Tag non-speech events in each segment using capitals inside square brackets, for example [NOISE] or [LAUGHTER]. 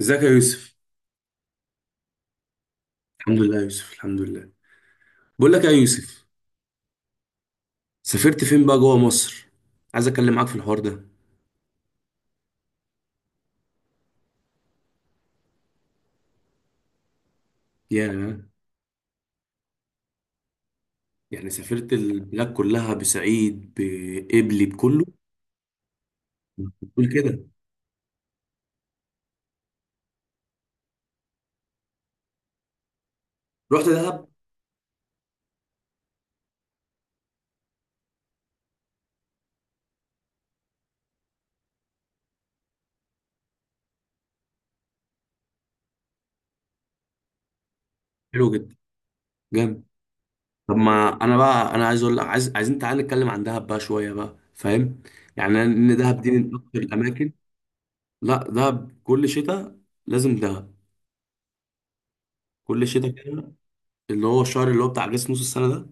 ازيك يا يوسف؟ الحمد لله يا يوسف، الحمد لله. بقول لك يا يوسف، سافرت فين بقى جوه مصر؟ عايز اتكلم معاك في الحوار ده. يا يعني سافرت البلاد كلها، بصعيد، بقبلي، بكله؟ بتقول كده، رحت دهب. حلو جدا، جامد. طب ما انا عايز اقول لك، عايزين تعالى نتكلم عن دهب بقى شويه بقى، فاهم؟ يعني ان دهب دي من اكتر الاماكن. لا، دهب كل شتاء لازم دهب، كل شتاء كده، اللي هو الشهر اللي هو بتاع جسم نص السنه ده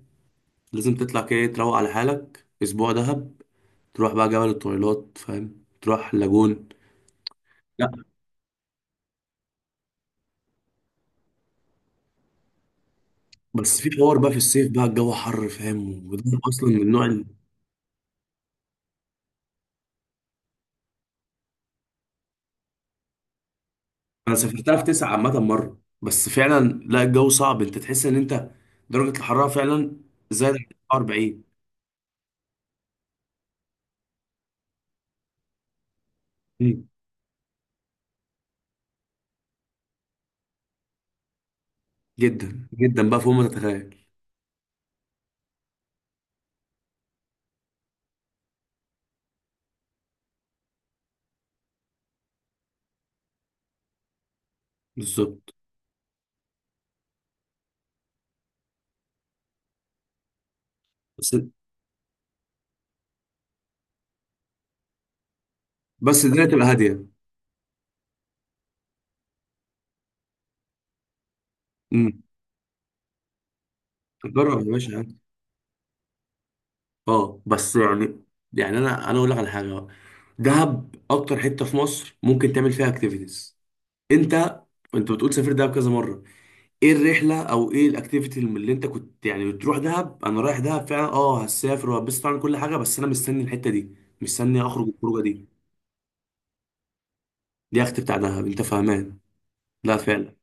لازم تطلع كده تروق على حالك اسبوع دهب، تروح بقى جبل الطويلات، فاهم، تروح لاجون. لا، بس في حوار بقى في الصيف بقى الجو حر، فاهم، وده اصلا من النوع اللي، انا سافرتها في تسعة عامة مرة، بس فعلا لا الجو صعب، انت تحس ان انت درجة الحرارة فعلا زادت 40. مم. جدا جدا بقى فوق ما تتخيل. بالظبط. بس بس الدنيا تبقى هادية. امم جرب يا باشا عادي. اه بس يعني، يعني انا اقول لك على حاجة بقى، دهب اكتر حتة في مصر ممكن تعمل فيها اكتيفيتيز. انت انت بتقول سافر دهب كذا مره، ايه الرحله او ايه الاكتيفيتي اللي انت كنت يعني بتروح دهب؟ انا رايح دهب فعلا، اه هسافر وهبسط طبعا كل حاجه، بس انا مستني الحته دي، مستني اخرج الخروجه دي. دي يخت بتاع دهب، انت فاهمان؟ لا فعلا.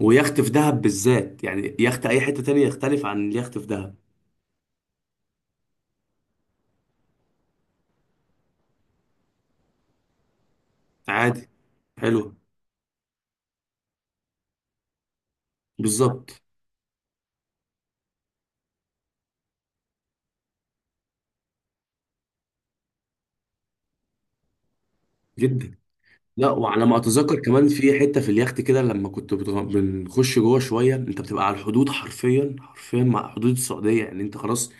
ويخت في دهب بالذات، يعني يخت اي حته تانية يختلف عن اليخت في دهب. عادي. حلو. بالظبط. جدا. لا، وعلى ما اتذكر كمان في حته في اليخت كده، لما كنت بنخش جوه شويه انت بتبقى على الحدود، حرفيا حرفيا مع حدود السعوديه، يعني انت خلاص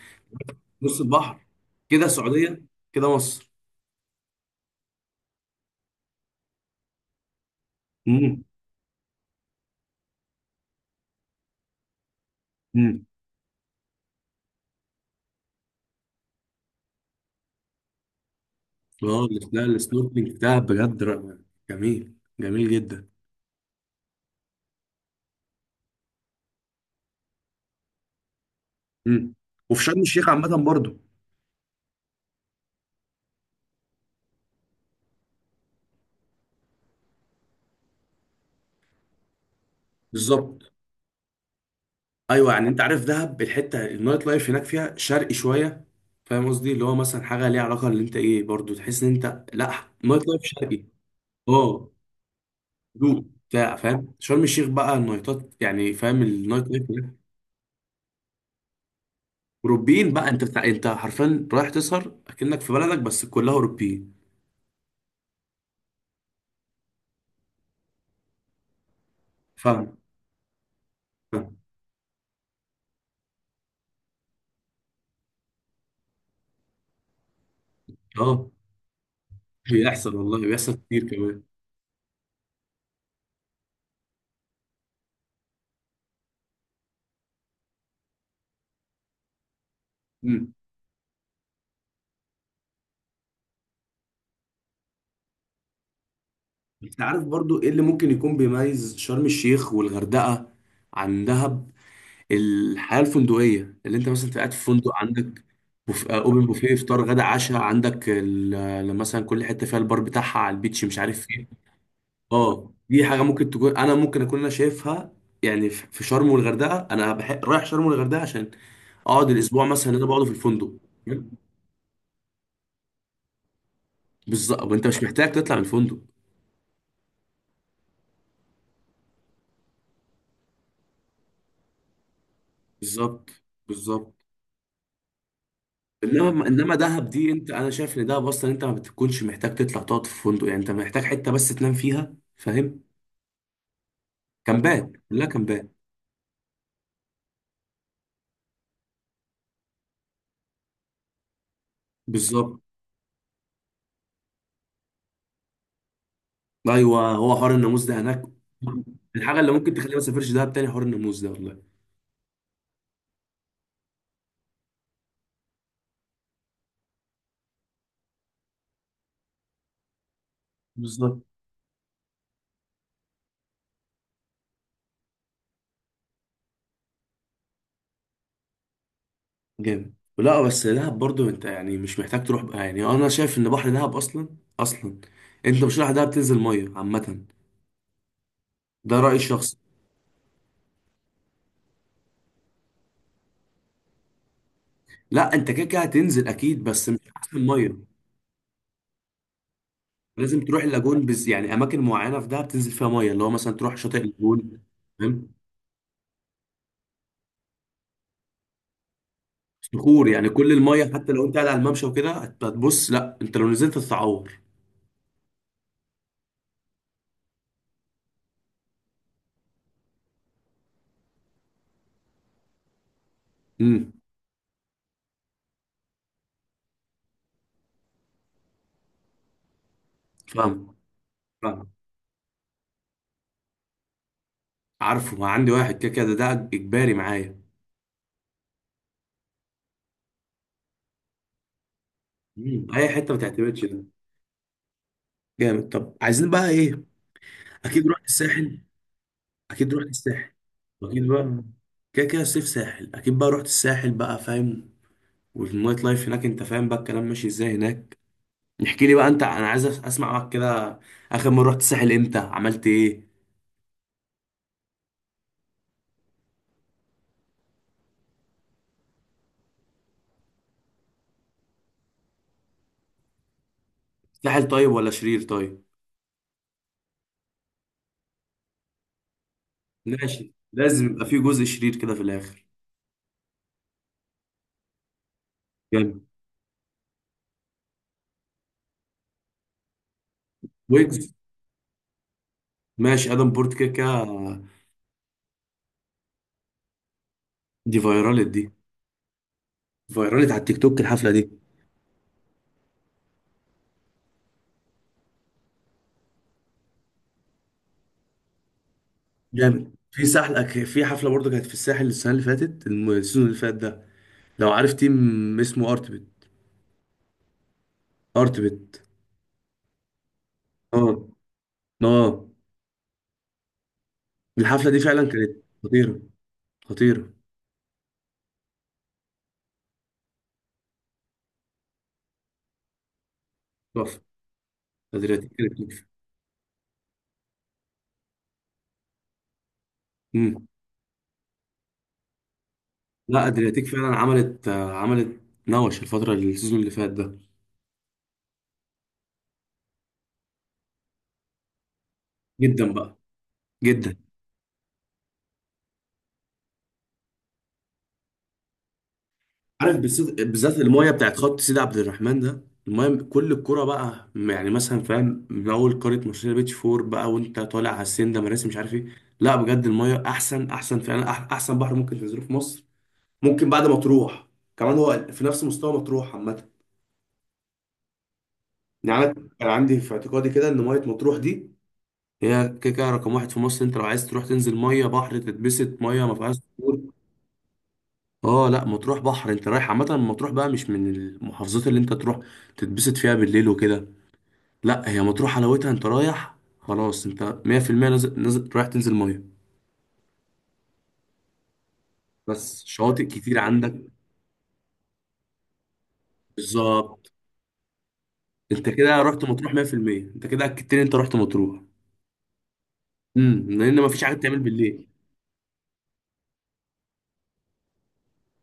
نص البحر كده السعوديه، كده مصر. امم امم اه لا السنوركلينج بتاعها بجد جميل، جميل جدا. امم وفي شرم الشيخ عامه برضو. بالظبط. ايوه، يعني انت عارف دهب الحته النايت لايف هناك فيها شرقي شويه، فاهم قصدي، اللي هو مثلا حاجه ليها علاقه اللي انت ايه، برضو تحس ان انت لا نايت لايف شرقي. اه، هدوء بتاع، فاهم. شرم الشيخ بقى النايتات يعني، فاهم النايت لايف هناك اوروبيين بقى، انت حرفيا رايح تسهر اكنك في بلدك بس كلها اوروبيين. فاهم فاهم. اه بيحصل، والله بيحصل كتير كمان. امم انت عارف برضو ايه اللي ممكن يكون بيميز شرم الشيخ والغردقة عن دهب؟ الحياة الفندقية، اللي انت مثلا قاعد في فندق، عندك بوف... آه، اوبن بوفيه، افطار، غدا، عشاء، عندك ال... آه، مثلا كل حتة فيها البار بتاعها على البيتش مش عارف فين. اه دي حاجة ممكن تكون انا ممكن اكون انا شايفها، يعني في في شرم والغردقة انا رايح شرم والغردقة عشان اقعد الاسبوع مثلا اللي انا بقعده في الفندق. بالظبط، وانت مش محتاج تطلع من الفندق. بالظبط بالظبط. انما انما دهب دي، انت انا شايف ان دهب اصلا انت ما بتكونش محتاج تطلع تقعد في فندق، يعني انت محتاج حته بس تنام فيها، فاهم. كامبات، كلها كامبات. بالظبط. ايوه هو حوار الناموس ده هناك. الحاجه اللي ممكن تخليني ما اسافرش دهب تاني حوار الناموس ده، والله. بالظبط. جامد. لا بس دهب برضو انت يعني مش محتاج تروح بقى، يعني انا شايف ان بحر دهب اصلا، اصلا انت مش رايح دهب تنزل ميه عامه، ده رايي الشخصي. لا انت كده كده هتنزل اكيد، بس مش احسن ميه. لازم تروح اللاجون، بز يعني اماكن معينه في دهب تنزل فيها ميه، اللي هو مثلا تروح شاطئ اللاجون، فاهم. صخور، يعني كل الميه حتى لو انت قاعد على الممشى وكده هتبص، لا انت لو نزلت تتعور. امم فاهم فاهم. عارفه، عندي واحد كده كده ده اجباري معايا. اي حته ما تعتمدش ده. جامد. طب عايزين بقى ايه؟ اكيد رحت الساحل، اكيد رحت الساحل، اكيد بقى. كده كده الصيف ساحل، اكيد بقى رحت الساحل بقى، فاهم. والنايت لايف هناك انت فاهم بقى الكلام ماشي ازاي هناك. احكي لي بقى انت، انا عايز اسمع معاك كده، اخر مره رحت الساحل امتى؟ عملت ايه؟ ساحل طيب ولا شرير طيب؟ ماشي، لازم يبقى في جزء شرير كده في الاخر. جامد. ويجز. ماشي، ادم بورت كده كده. دي فايرالت دي، فايرالت على التيك توك الحفله دي. جامد. في ساحل في حفله برضه كانت في الساحل السنه اللي فاتت، السيزون اللي فات ده، لو عارف تيم اسمه ارتبت. ارتبت. اه. اه. الحفله دي فعلا كانت خطيره. خطيره. تحفه، كانت كانت تحفه. لا ادرياتيك فعلا عملت عملت نوش الفتره، السيزون اللي فات ده. جدا بقى، جدا. عارف بالذات، بالذات المايه بتاعت خط سيدي عبد الرحمن ده، المايه كل الكرة بقى، يعني مثلا فاهم من اول قاره، مارسيليا بيتش فور بقى، وانت طالع على السن ده، مراسي مش عارف ايه. لا بجد المايه احسن احسن فعلا، احسن بحر ممكن تنزله في مصر ممكن بعد ما تروح، كمان هو في نفس مستوى مطروح عامه. يعني انا كان عندي في اعتقادي كده ان ميه مطروح دي هي كده كده رقم واحد في مصر، انت لو عايز تروح تنزل ميه بحر تتبسط، ميه ما فيهاش صخور. اه لا مطروح بحر، انت رايح عامه مطروح بقى مش من المحافظات اللي انت تروح تتبسط فيها بالليل وكده. لا هي مطروح حلاوتها، انت رايح خلاص انت 100% نازل نازل رايح تنزل ميه. بس شواطئ كتير عندك. بالظبط. انت كده رحت مطروح 100%، انت كده اكدت لي انت رحت مطروح. لان ما فيش حاجه تعمل بالليل.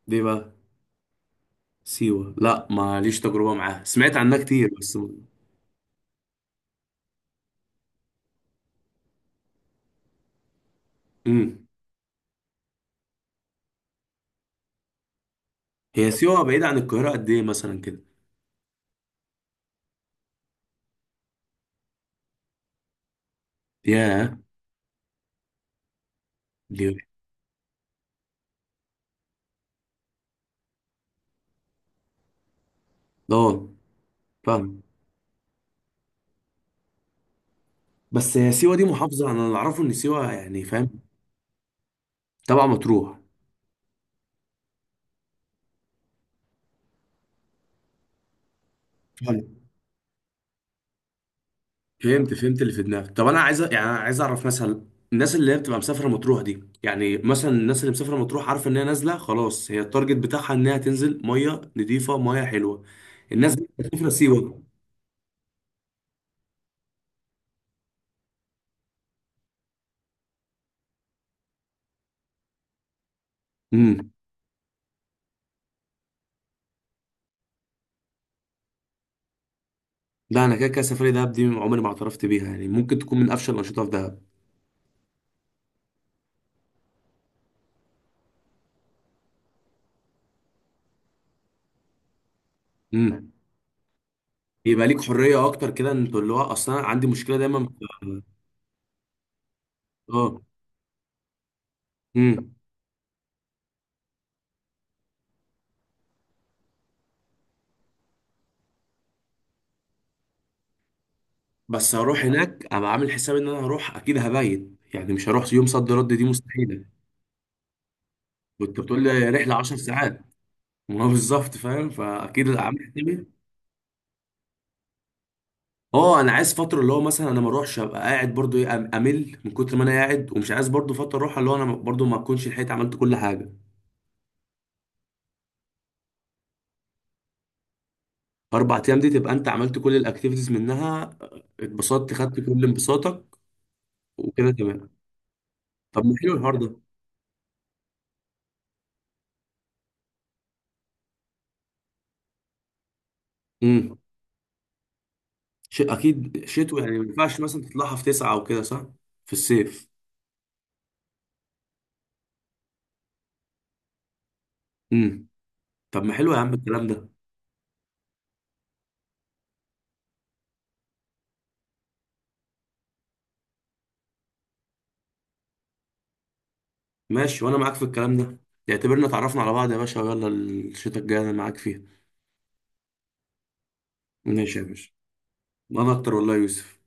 ليه بقى؟ سيوه لا ماليش تجربه معاها، سمعت عنها كتير بس. امم هي سيوة بعيدة عن القاهرة قد إيه مثلا كده؟ ياه. دي اه، فاهم. بس هي سيوة دي محافظة، أنا اللي أعرفه إن سيوة يعني فاهم. تبع مطروح. فاهم. فهمت فهمت اللي في دماغك. طب أنا عايز يعني أنا عايز أعرف مثلا الناس اللي هي بتبقى مسافرة مطروح دي، يعني مثلا الناس اللي مسافرة مطروح عارفة إن هي نازلة خلاص، هي التارجت بتاعها إنها تنزل مية نضيفة مية حلوة، الناس دي مسافرة سيوة؟ امم لا أنا كده كده سفرية دهب دي عمري ما اعترفت بيها، يعني ممكن تكون من أفشل الأنشطة في دهب. امم يبقى ليك حريه اكتر كده، انت اللي هو اصلا أنا عندي مشكله دايما في-. اه. امم بس هروح هناك ابقى عامل حساب ان انا هروح اكيد هبيت، يعني مش هروح يوم صد رد، دي مستحيله. كنت بتقول لي رحله 10 ساعات. [LAUGHS] ما هو بالظبط، فاهم، فاكيد اللي عامل حسابي. اه انا عايز فتره، اللي هو مثلا انا ما اروحش ابقى قاعد برضو ايه، امل من كتر ما انا قاعد، ومش عايز برضو فتره اروح اللي هو انا برضو ما اكونش لحقت عملت كل حاجه. اربع ايام دي تبقى انت عملت كل الاكتيفيتيز منها، اتبسطت، خدت كل انبساطك، وكده تمام. طب ما حلو النهارده. امم شيء اكيد شتوي، يعني ما ينفعش مثلا تطلعها في تسعة او كده، صح. في الصيف. امم طب ما حلو يا عم الكلام ده. ماشي، وانا معاك في الكلام ده، اعتبرنا اتعرفنا على بعض يا باشا، ويلا الشتاء الجاي انا معاك فيها. ماشي يا باشا. انا اكتر والله يا يوسف.